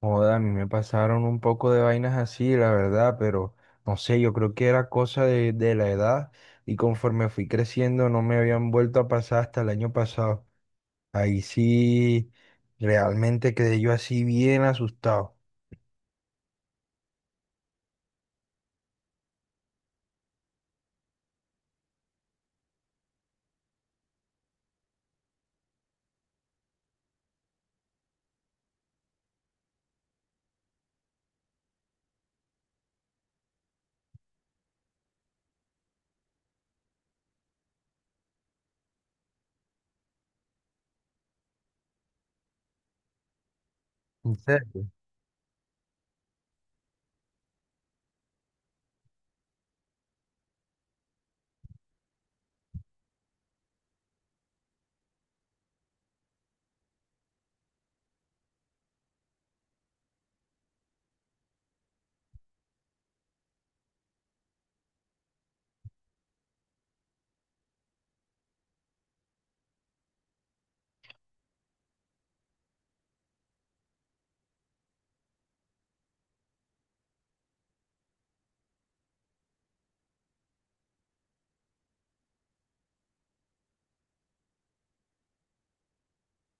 Joda, a mí me pasaron un poco de vainas así, la verdad, pero no sé, yo creo que era cosa de la edad y conforme fui creciendo no me habían vuelto a pasar hasta el año pasado. Ahí sí, realmente quedé yo así bien asustado. ¿En serio?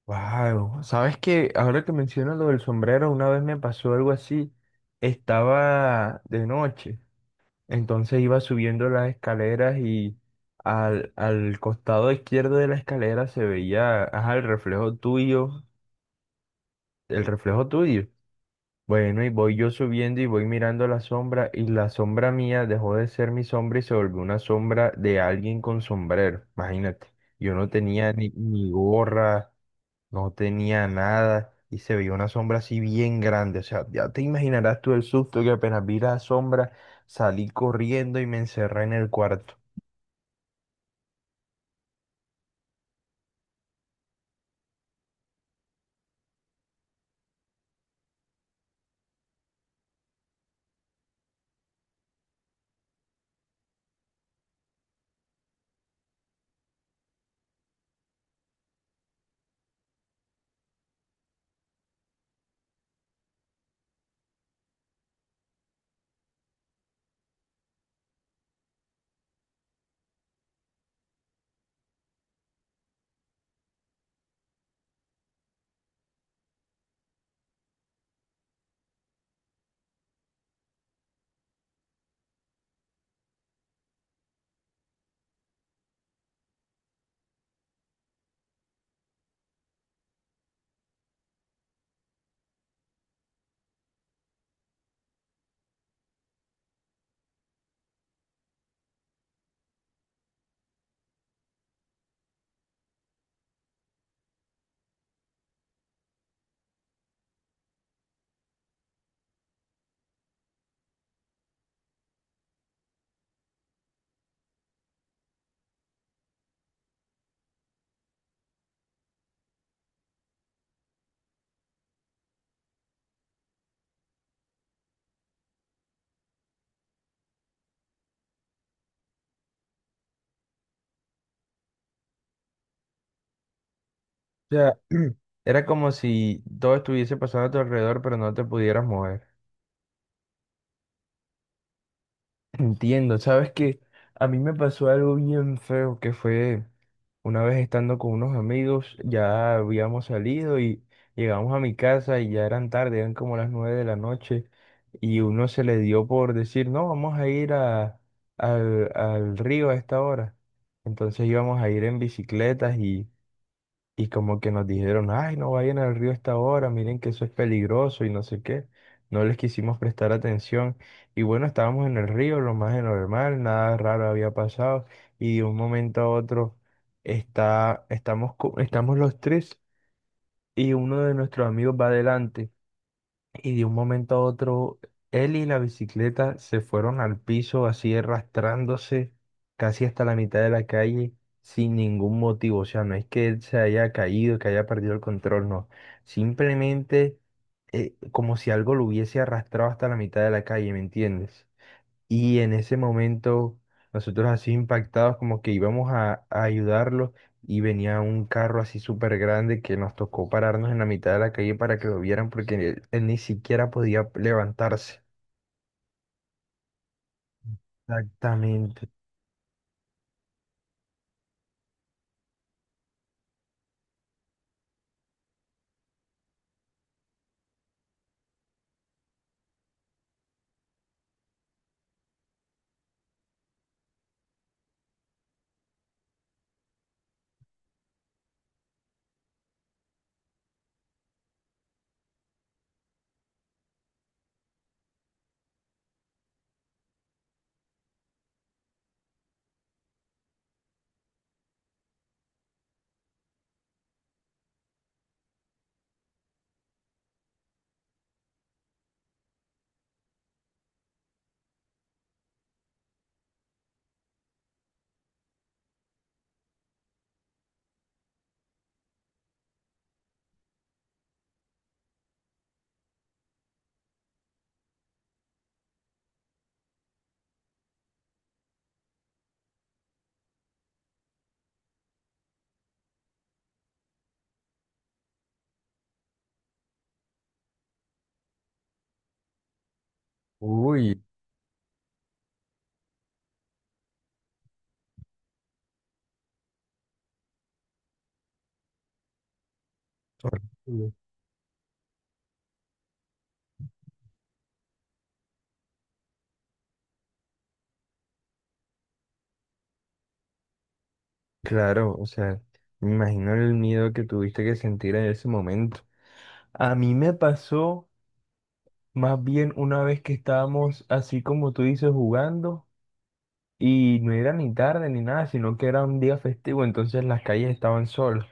Wow, sabes que ahora que mencionas lo del sombrero, una vez me pasó algo así. Estaba de noche. Entonces iba subiendo las escaleras y al costado izquierdo de la escalera se veía, ajá, el reflejo tuyo, el reflejo tuyo. Bueno, y voy yo subiendo y voy mirando la sombra y la sombra mía dejó de ser mi sombra y se volvió una sombra de alguien con sombrero. Imagínate, yo no tenía ni gorra, no tenía nada y se veía una sombra así bien grande. O sea, ya te imaginarás tú el susto que apenas vi la sombra salí corriendo y me encerré en el cuarto. O sea, era como si todo estuviese pasando a tu alrededor, pero no te pudieras mover. Entiendo, sabes que a mí me pasó algo bien feo que fue una vez estando con unos amigos, ya habíamos salido y llegamos a mi casa y ya eran tarde, eran como las 9 de la noche y uno se le dio por decir, no, vamos a ir al río a esta hora. Entonces íbamos a ir en bicicletas. Y como que nos dijeron, ay, no vayan al río a esta hora, miren que eso es peligroso y no sé qué. No les quisimos prestar atención. Y bueno, estábamos en el río, lo más de normal, nada raro había pasado. Y de un momento a otro estamos los tres y uno de nuestros amigos va adelante y de un momento a otro él y la bicicleta se fueron al piso así arrastrándose casi hasta la mitad de la calle sin ningún motivo. O sea, no es que él se haya caído, que haya perdido el control, no. Simplemente como si algo lo hubiese arrastrado hasta la mitad de la calle, ¿me entiendes? Y en ese momento, nosotros así impactados, como que íbamos a ayudarlos y venía un carro así súper grande que nos tocó pararnos en la mitad de la calle para que lo vieran porque él ni siquiera podía levantarse. Exactamente. Uy, horrible. Claro, o sea, me imagino el miedo que tuviste que sentir en ese momento. A mí me pasó más bien una vez que estábamos así como tú dices jugando. Y no era ni tarde ni nada, sino que era un día festivo, entonces las calles estaban solas.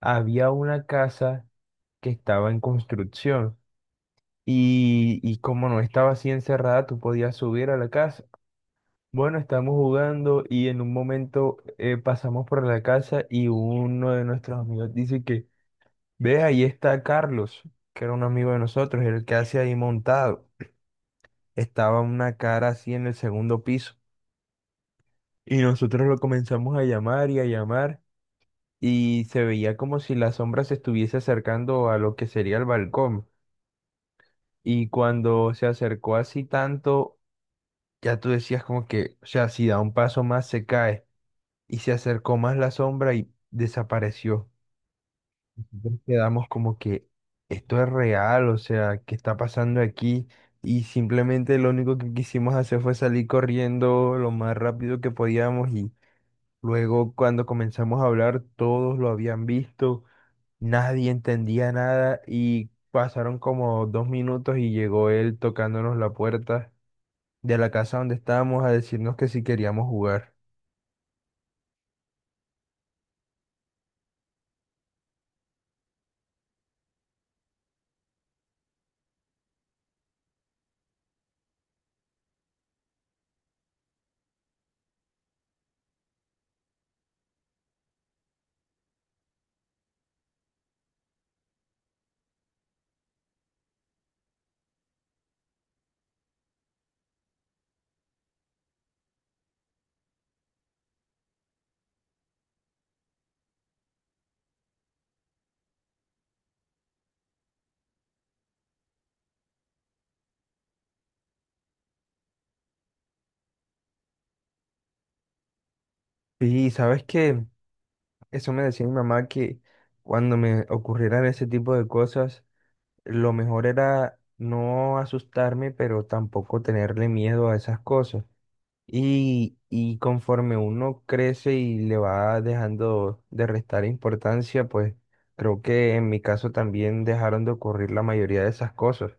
Había una casa que estaba en construcción y, como no estaba así encerrada, tú podías subir a la casa. Bueno, estábamos jugando y en un momento pasamos por la casa y uno de nuestros amigos dice que, ve, ahí está Carlos, que era un amigo de nosotros, el que hace ahí montado. Estaba una cara así en el segundo piso y nosotros lo comenzamos a llamar y a llamar, y se veía como si la sombra se estuviese acercando a lo que sería el balcón. Y cuando se acercó así tanto, ya tú decías como que, o sea, si da un paso más se cae. Y se acercó más la sombra y desapareció. Nosotros quedamos como que esto es real, o sea, ¿qué está pasando aquí? Y simplemente lo único que quisimos hacer fue salir corriendo lo más rápido que podíamos, y luego cuando comenzamos a hablar todos lo habían visto. Nadie entendía nada y pasaron como 2 minutos y llegó él tocándonos la puerta de la casa donde estábamos a decirnos que si queríamos jugar. Y sabes que eso me decía mi mamá que cuando me ocurrieran ese tipo de cosas, lo mejor era no asustarme, pero tampoco tenerle miedo a esas cosas. Y conforme uno crece y le va dejando de restar importancia, pues creo que en mi caso también dejaron de ocurrir la mayoría de esas cosas.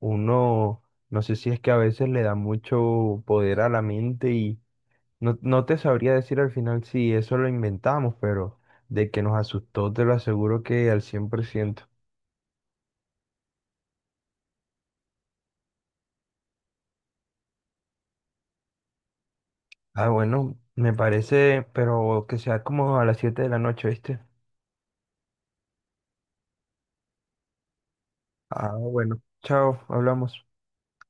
Uno, no sé si es que a veces le da mucho poder a la mente y no te sabría decir al final si eso lo inventamos, pero de que nos asustó, te lo aseguro que al 100%. Ah, bueno, me parece, pero que sea como a las 7 de la noche, ¿viste? Ah, bueno, chao, hablamos.